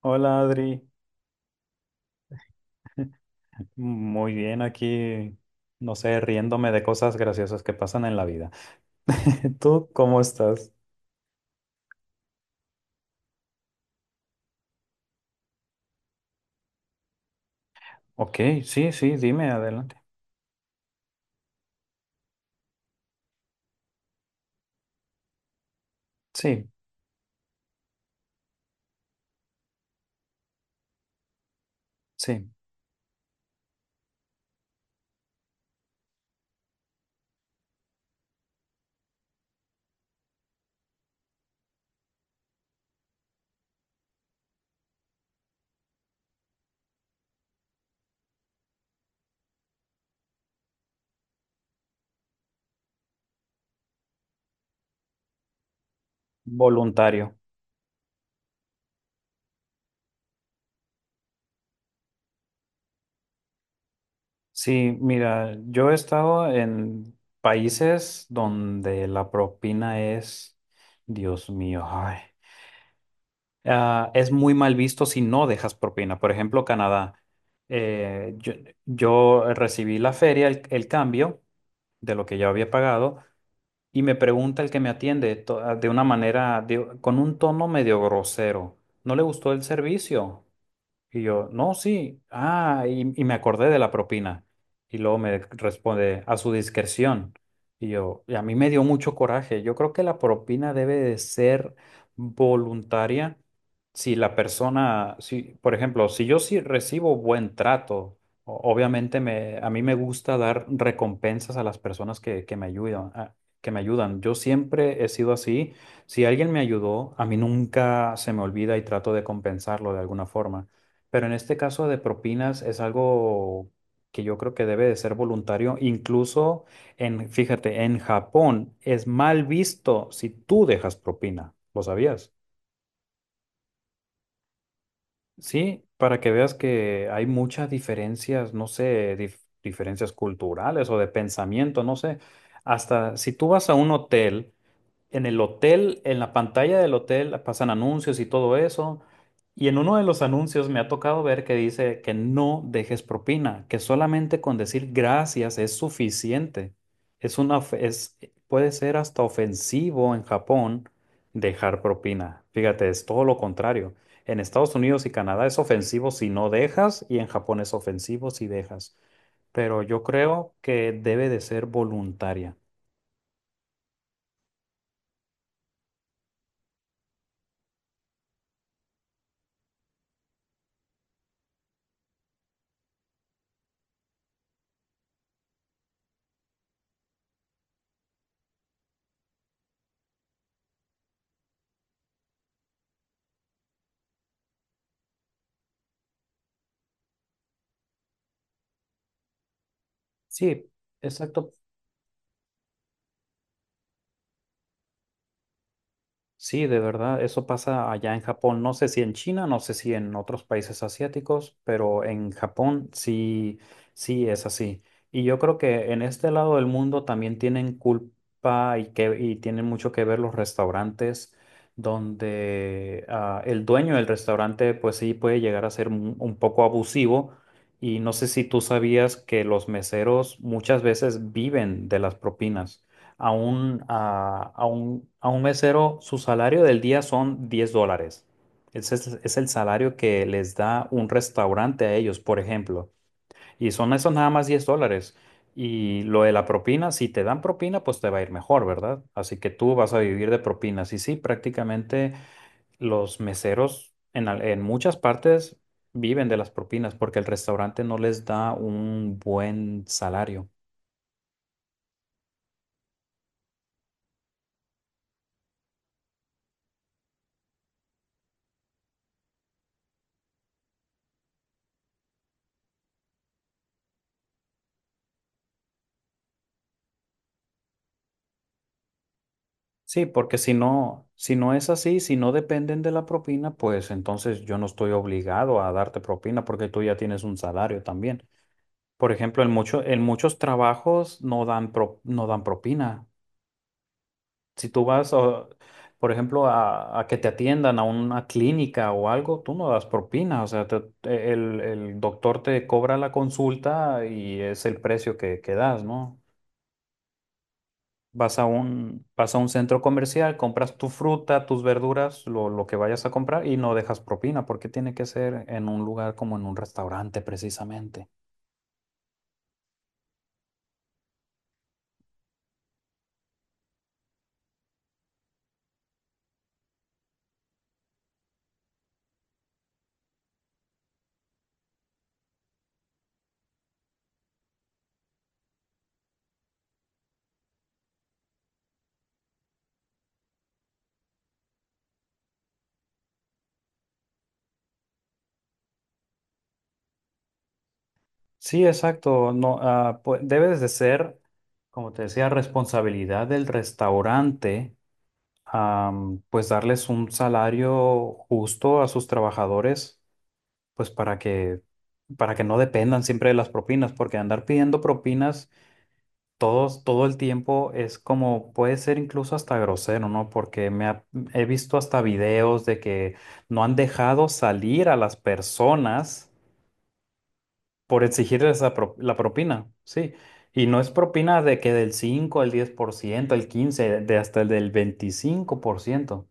Hola Adri, muy bien aquí, no sé, riéndome de cosas graciosas que pasan en la vida. ¿Tú cómo estás? Ok, sí, sí, dime, adelante. Sí, sí, voluntario. Sí, mira, yo he estado en países donde la propina es, Dios mío, ay. Ah, es muy mal visto si no dejas propina. Por ejemplo, Canadá. Eh, yo, yo recibí la feria, el cambio de lo que yo había pagado, y me pregunta el que me atiende de una manera, con un tono medio grosero. ¿No le gustó el servicio? Y yo, no, sí, y me acordé de la propina. Y luego me responde, a su discreción. Y yo, y a mí me dio mucho coraje. Yo creo que la propina debe de ser voluntaria si la persona, si, por ejemplo, si yo sí recibo buen trato, obviamente me, a mí me gusta dar recompensas a las personas que me ayudan, que me ayudan. Yo siempre he sido así. Si alguien me ayudó, a mí nunca se me olvida y trato de compensarlo de alguna forma. Pero en este caso de propinas es algo que yo creo que debe de ser voluntario. Incluso fíjate, en Japón es mal visto si tú dejas propina. ¿Lo sabías? Sí, para que veas que hay muchas diferencias, no sé, diferencias culturales o de pensamiento, no sé. Hasta si tú vas a un hotel, en el hotel, en la pantalla del hotel pasan anuncios y todo eso. Y en uno de los anuncios me ha tocado ver que dice que no dejes propina, que solamente con decir gracias es suficiente. Es una, puede ser hasta ofensivo en Japón dejar propina. Fíjate, es todo lo contrario. En Estados Unidos y Canadá es ofensivo si no dejas y en Japón es ofensivo si dejas, pero yo creo que debe de ser voluntaria. Sí, exacto. Sí, de verdad, eso pasa allá en Japón. No sé si en China, no sé si en otros países asiáticos, pero en Japón sí, sí es así. Y yo creo que en este lado del mundo también tienen culpa y que y tienen mucho que ver los restaurantes donde el dueño del restaurante pues sí puede llegar a ser un poco abusivo. Y no sé si tú sabías que los meseros muchas veces viven de las propinas, a un mesero, su salario del día son 10 dólares. Es el salario que les da un restaurante a ellos, por ejemplo. Y son esos nada más 10 dólares. Y lo de la propina, si te dan propina, pues te va a ir mejor, ¿verdad? Así que tú vas a vivir de propinas. Y sí, prácticamente los meseros en muchas partes viven de las propinas porque el restaurante no les da un buen salario. Sí, porque si no, es así, si no dependen de la propina, pues entonces yo no estoy obligado a darte propina porque tú ya tienes un salario también. Por ejemplo, en muchos trabajos no dan propina. Si tú vas, o, por ejemplo, a que te atiendan a una clínica o algo, tú no das propina. O sea, el doctor te cobra la consulta y es el precio que das, ¿no? Vas a un centro comercial, compras tu fruta, tus verduras, lo que vayas a comprar y no dejas propina, porque tiene que ser en un lugar como en un restaurante precisamente. Sí, exacto. No, pues, debes de ser, como te decía, responsabilidad del restaurante, pues darles un salario justo a sus trabajadores, pues para que, no dependan siempre de las propinas, porque andar pidiendo propinas todo el tiempo es como, puede ser incluso hasta grosero, ¿no? Porque he visto hasta videos de que no han dejado salir a las personas por exigirles la propina, sí. Y no es propina de que del 5 el 10% el 15 de hasta el del 25%.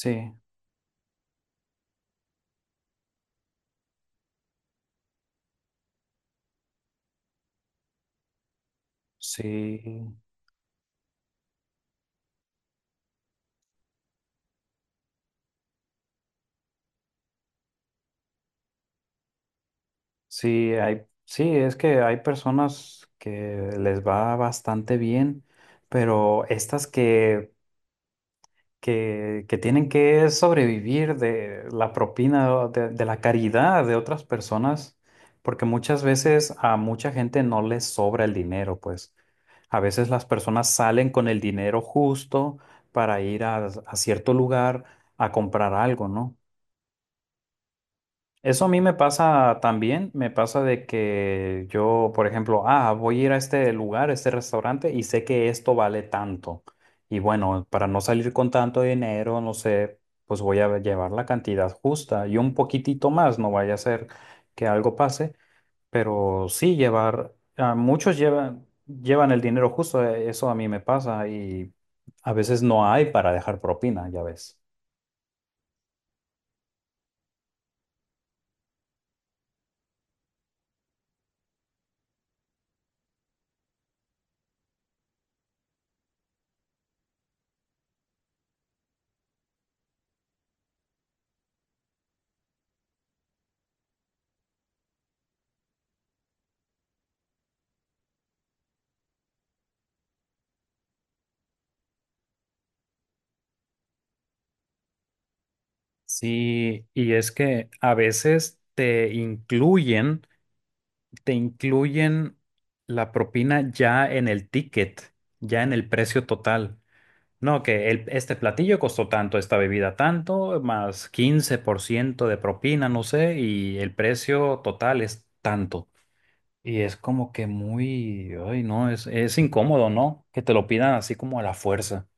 Sí, sí, sí, hay, sí, es que hay personas que les va bastante bien, pero estas que tienen que sobrevivir de la propina, de la caridad de otras personas, porque muchas veces a mucha gente no les sobra el dinero, pues a veces las personas salen con el dinero justo para ir a cierto lugar a comprar algo, ¿no? Eso a mí me pasa también, me pasa de que yo, por ejemplo, voy a ir a este lugar, a este restaurante y sé que esto vale tanto. Y bueno, para no salir con tanto dinero, no sé, pues voy a llevar la cantidad justa y un poquitito más, no vaya a ser que algo pase, pero sí llevar, llevan el dinero justo, eso a mí me pasa y a veces no hay para dejar propina, ya ves. Sí, y es que a veces te incluyen la propina ya en el ticket, ya en el precio total. No, que este platillo costó tanto, esta bebida tanto, más 15% de propina, no sé, y el precio total es tanto. Y es como que muy, ay, no, es incómodo, ¿no? Que te lo pidan así como a la fuerza.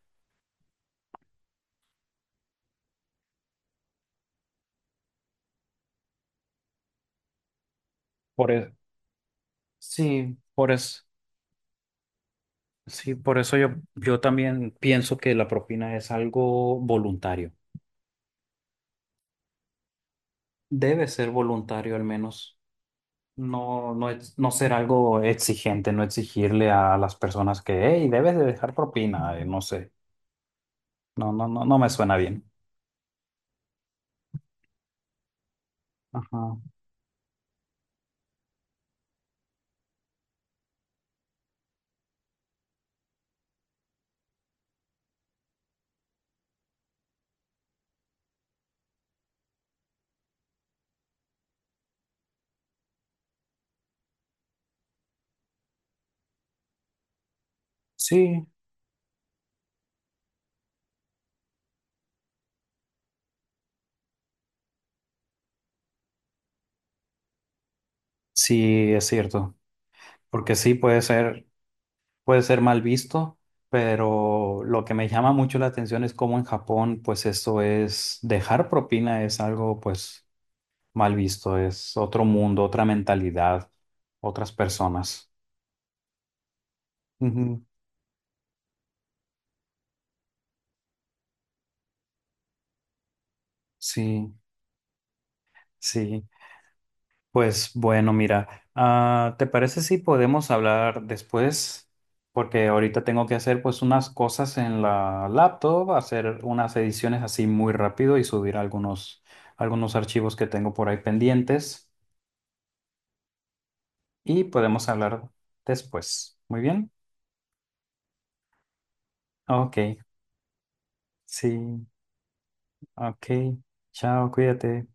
Por eso, sí, por eso. Sí, por eso yo, también pienso que la propina es algo voluntario. Debe ser voluntario al menos. No, no, no ser algo exigente, no exigirle a las personas que, hey, debes de dejar propina, no sé. No, no, no, no me suena bien. Ajá. Sí, sí, es cierto. Porque sí puede ser mal visto, pero lo que me llama mucho la atención es cómo en Japón, pues eso es, dejar propina es algo, mal visto, es otro mundo, otra mentalidad, otras personas. Ujú. Sí, sí. Pues bueno, mira, ¿te parece si podemos hablar después? Porque ahorita tengo que hacer pues unas cosas en la laptop, hacer unas ediciones así muy rápido y subir algunos archivos que tengo por ahí pendientes y podemos hablar después. Muy bien. Ok, sí, ok. Chao, cuídate.